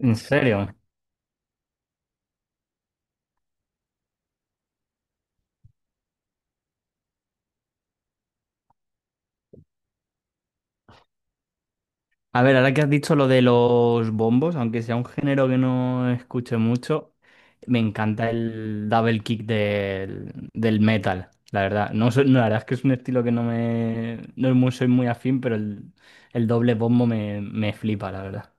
En serio. A ver, ahora que has dicho lo de los bombos, aunque sea un género que no escuche mucho, me encanta el double kick del metal, la verdad. No, no, la verdad es que es un estilo que no me no es soy muy afín, pero el doble bombo me flipa, la verdad.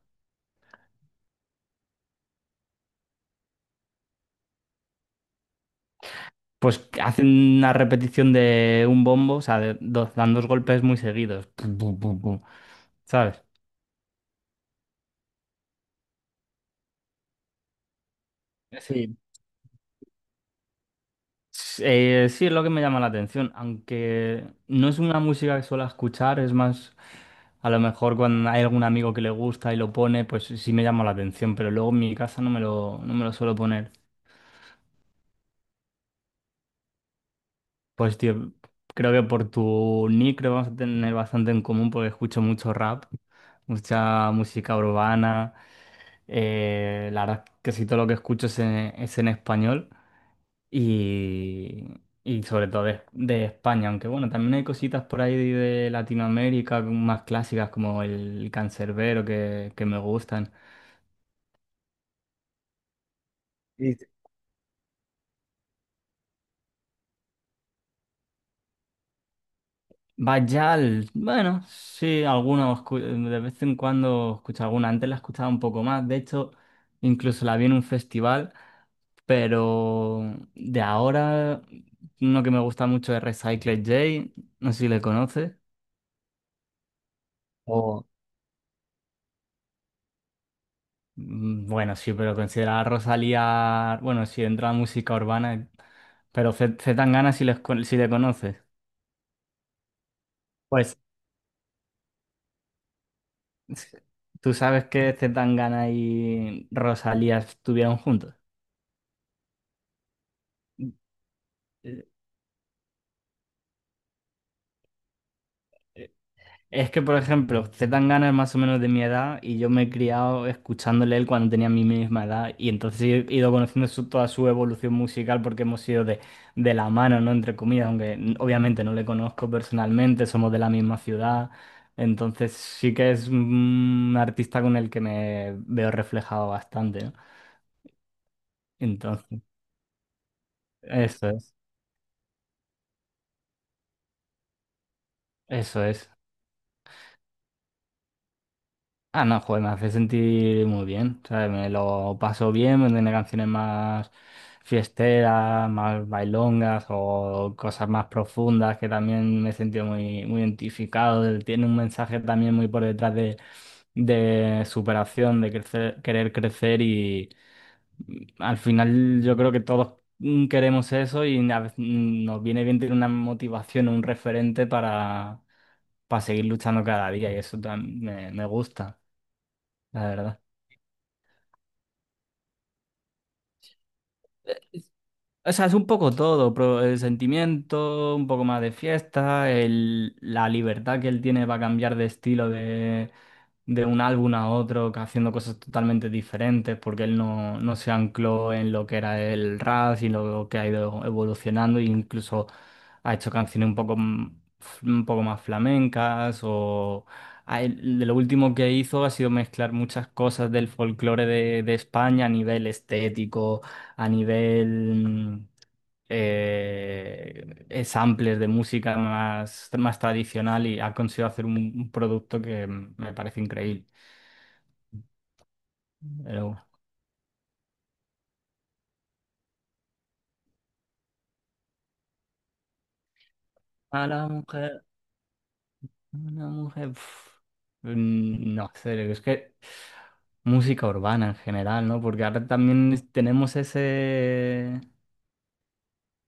Pues que hacen una repetición de un bombo, o sea, dan dos golpes muy seguidos. Pum, pum, pum, pum, ¿sabes? Sí. Sí, es lo que me llama la atención, aunque no es una música que suelo escuchar, es más, a lo mejor cuando hay algún amigo que le gusta y lo pone, pues sí me llama la atención, pero luego en mi casa no me lo suelo poner. Pues tío, creo que por tu nick creo que vamos a tener bastante en común porque escucho mucho rap, mucha música urbana, la verdad es que casi todo lo que escucho es en español. Y, y sobre todo de España, aunque bueno, también hay cositas por ahí de Latinoamérica más clásicas como el cancerbero que me gustan. Y Bayal, bueno, sí, algunos de vez en cuando escucho alguna, antes la escuchaba un poco más, de hecho, incluso la vi en un festival, pero de ahora uno que me gusta mucho es Recycled J, no sé si le conoces. Bueno, sí, pero considerar a Rosalía, bueno, sí, entra música urbana, pero Z Tangana si le conoces. Pues, ¿tú sabes que Z Tangana y Rosalía estuvieron juntos? Eh, Es que, por ejemplo, Zetangana es más o menos de mi edad y yo me he criado escuchándole él cuando tenía mi misma edad y entonces he ido conociendo toda su evolución musical porque hemos sido de la mano, ¿no? Entre comillas, aunque obviamente no le conozco personalmente, somos de la misma ciudad, entonces sí que es un artista con el que me veo reflejado bastante, ¿no? Entonces, eso es, eso es. Ah, no, joder, me hace sentir muy bien, ¿sabes? Me lo paso bien, me tiene canciones más fiesteras, más bailongas o cosas más profundas que también me he sentido muy, muy identificado. Él tiene un mensaje también muy por detrás de superación, de crecer, querer crecer y al final yo creo que todos queremos eso y nos viene bien tener una motivación, un referente para seguir luchando cada día y eso me gusta la verdad. Es- O sea, es un poco todo, pero el sentimiento, un poco más de fiesta, la libertad que él tiene para cambiar de estilo de un álbum a otro, que haciendo cosas totalmente diferentes, porque él no se ancló en lo que era el rap, sino lo que ha ido evolucionando, e incluso ha hecho canciones un poco, un poco más flamencas, o de lo último que hizo ha sido mezclar muchas cosas del folclore de España a nivel estético a nivel samplers de música más tradicional y ha conseguido hacer un producto que me parece increíble. Pero a la mujer, a la mujer, no sé, es que música urbana en general, ¿no? Porque ahora también tenemos ese...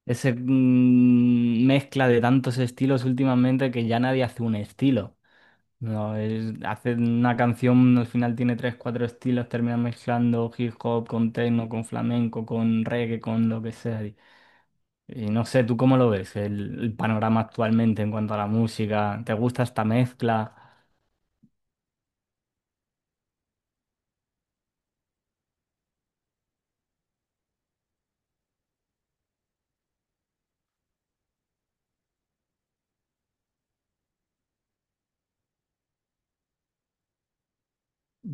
Ese mezcla de tantos estilos últimamente que ya nadie hace un estilo. No, hace una canción, al final tiene tres, cuatro estilos, termina mezclando hip hop con techno, con flamenco, con reggae, con lo que sea. Y no sé, ¿tú cómo lo ves el panorama actualmente en cuanto a la música? ¿Te gusta esta mezcla?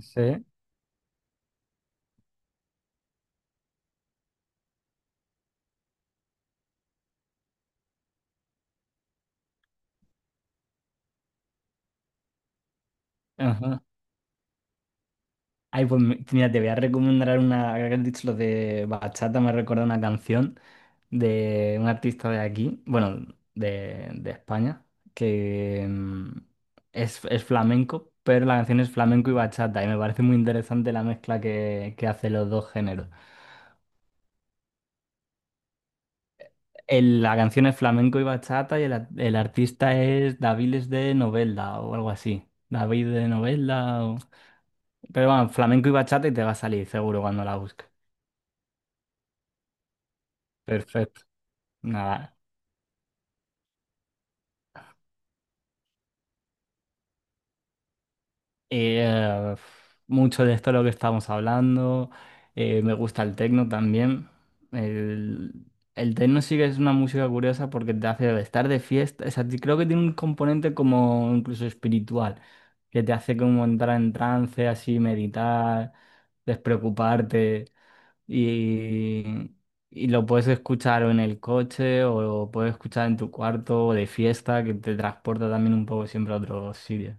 Sí. Ajá. Ay, pues mira, te voy a recomendar una, ahora que has dicho lo de bachata, me recuerda una canción de un artista de aquí, bueno, de España, que es flamenco, pero la canción es flamenco y bachata, y me parece muy interesante la mezcla que hace los dos géneros. La canción es flamenco y bachata, y el artista es Daviles de Novelda o algo así. David de Novelda, pero bueno, flamenco y bachata y te va a salir seguro cuando la busques. Perfecto. Nada. Eh, mucho de esto es lo que estamos hablando. Me gusta el techno también. El, el techno sí que es una música curiosa porque te hace estar de fiesta. O sea, creo que tiene un componente como incluso espiritual, que te hace como entrar en trance, así meditar, despreocuparte. Y, y lo puedes escuchar o en el coche o lo puedes escuchar en tu cuarto o de fiesta, que te transporta también un poco siempre a otros sitios.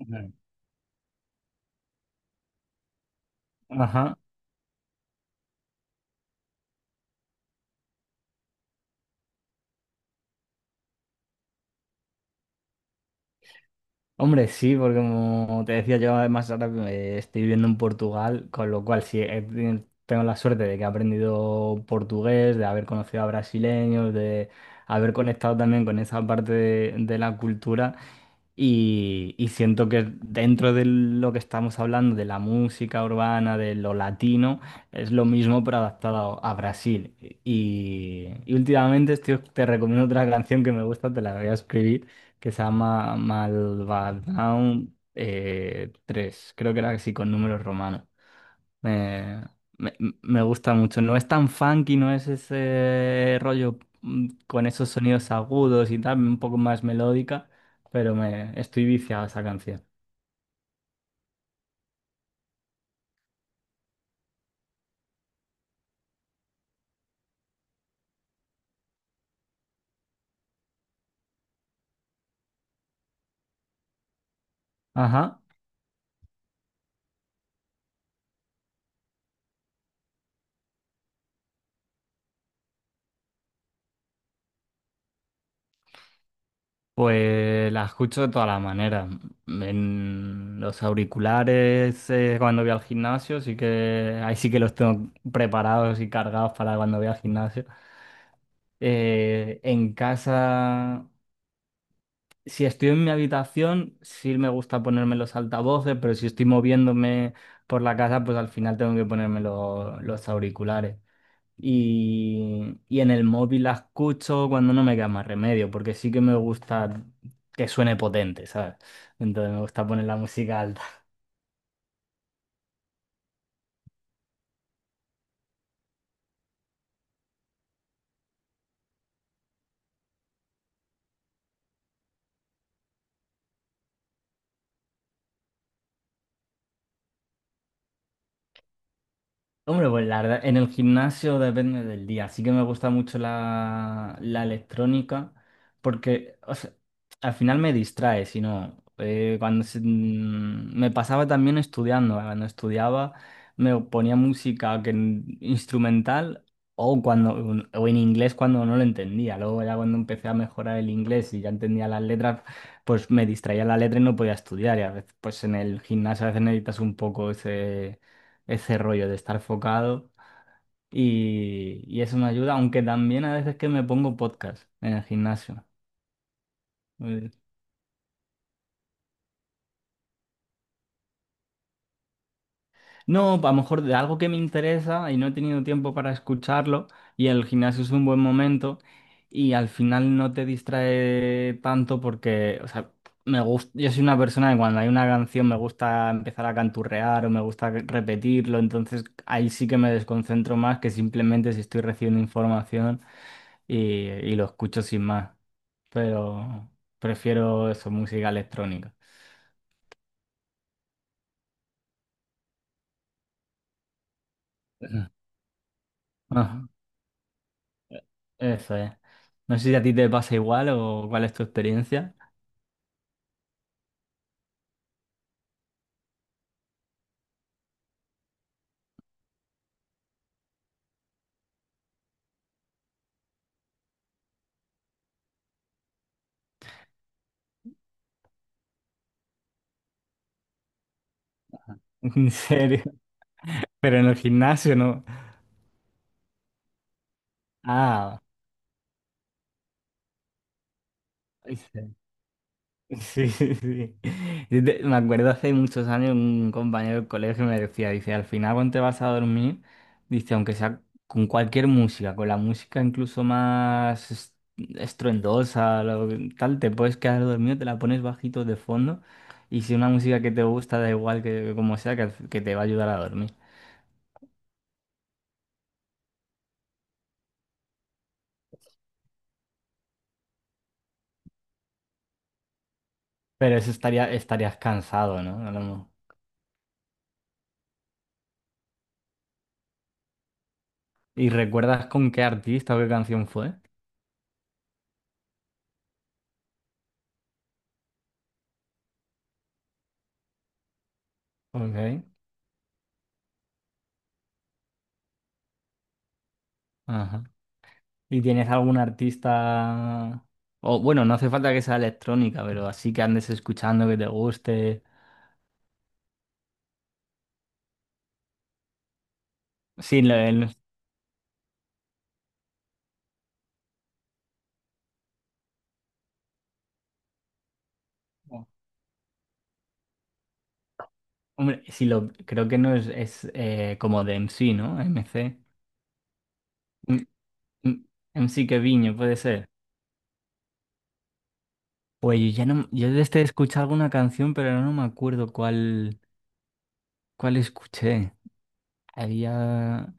Ujú. Ajá. Hombre, sí, porque como te decía yo, además ahora estoy viviendo en Portugal, con lo cual sí, tengo la suerte de que he aprendido portugués, de haber conocido a brasileños, de haber conectado también con esa parte de la cultura y siento que dentro de lo que estamos hablando, de la música urbana, de lo latino, es lo mismo pero adaptado a Brasil. Y últimamente te recomiendo otra canción que me gusta, te la voy a escribir que se llama Malvadón 3, creo que era así con números romanos. Me, me, me gusta mucho, no es tan funky, no es ese rollo con esos sonidos agudos y tal, un poco más melódica, pero me estoy viciado a esa canción. Ajá, pues la escucho de todas las maneras. En los auriculares, cuando voy al gimnasio, sí que ahí sí que los tengo preparados y cargados para cuando voy al gimnasio. En casa, si estoy en mi habitación, sí me gusta ponerme los altavoces, pero si estoy moviéndome por la casa, pues al final tengo que ponerme los auriculares. Y en el móvil la escucho cuando no me queda más remedio, porque sí que me gusta que suene potente, ¿sabes? Entonces me gusta poner la música alta. Hombre, pues la verdad, en el gimnasio depende del día. Sí que me gusta mucho la electrónica porque o sea, al final me distrae, si no, cuando me pasaba también estudiando, cuando estudiaba me ponía música que, instrumental o, o en inglés cuando no lo entendía. Luego ya cuando empecé a mejorar el inglés y ya entendía las letras, pues me distraía la letra y no podía estudiar. Y a veces pues en el gimnasio a veces necesitas un poco ese rollo de estar focado y eso me ayuda, aunque también a veces que me pongo podcast en el gimnasio. Eh, No, a lo mejor de algo que me interesa y no he tenido tiempo para escucharlo y el gimnasio es un buen momento y al final no te distrae tanto porque, o sea, me gusta, yo soy una persona que cuando hay una canción me gusta empezar a canturrear o me gusta repetirlo, entonces ahí sí que me desconcentro más que simplemente si estoy recibiendo información y, y lo escucho sin más. Pero prefiero eso, música electrónica. Ajá, eso es. No sé si a ti te pasa igual o cuál es tu experiencia. En serio. Pero en el gimnasio no. Ah. Vale. Sí, sí. Sí. Me acuerdo hace muchos años un compañero del colegio me decía, dice, al final cuando te vas a dormir, dice, aunque sea con cualquier música, con la música incluso más estruendosa, tal, te puedes quedar dormido, te la pones bajito de fondo y si una música que te gusta, da igual que como sea, que te va a ayudar a dormir. Pero eso estarías cansado, ¿no? A lo mejor. ¿Y recuerdas con qué artista o qué canción fue? Ok. Ajá. ¿Y tienes algún artista? O bueno, no hace falta que sea electrónica, pero así que andes escuchando que te guste. Sí, lo- el- Hombre, sí lo creo que no es como de MC, ¿no? MC. M- M- MC Keviño, puede ser. Pues yo ya no, yo desde escuché alguna canción, pero no me acuerdo cuál escuché. Había.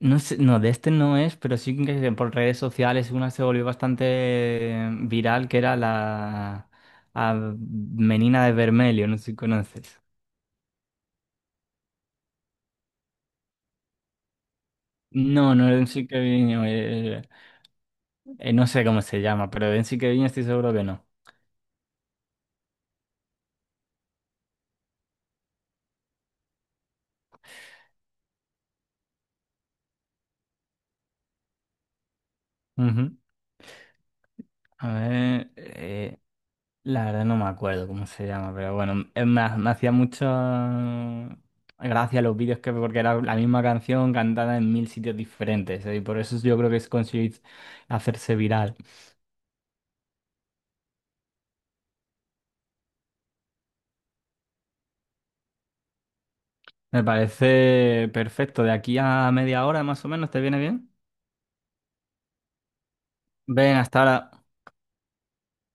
No sé, no, de este no es, pero sí que por redes sociales una se volvió bastante viral, que era la a Menina de Vermelho, no sé si conoces. No, no, Enrique Queviño, no sé cómo se llama, pero de Enrique Queviño estoy seguro que no. Ujú. A ver, la verdad no me acuerdo cómo se llama, pero bueno, es más, me hacía mucho gracia los vídeos que porque era la misma canción cantada en mil sitios diferentes, y por eso yo creo que es conseguir hacerse viral. Me parece perfecto. De aquí a media hora más o menos, ¿te viene bien? Ven, hasta ahora.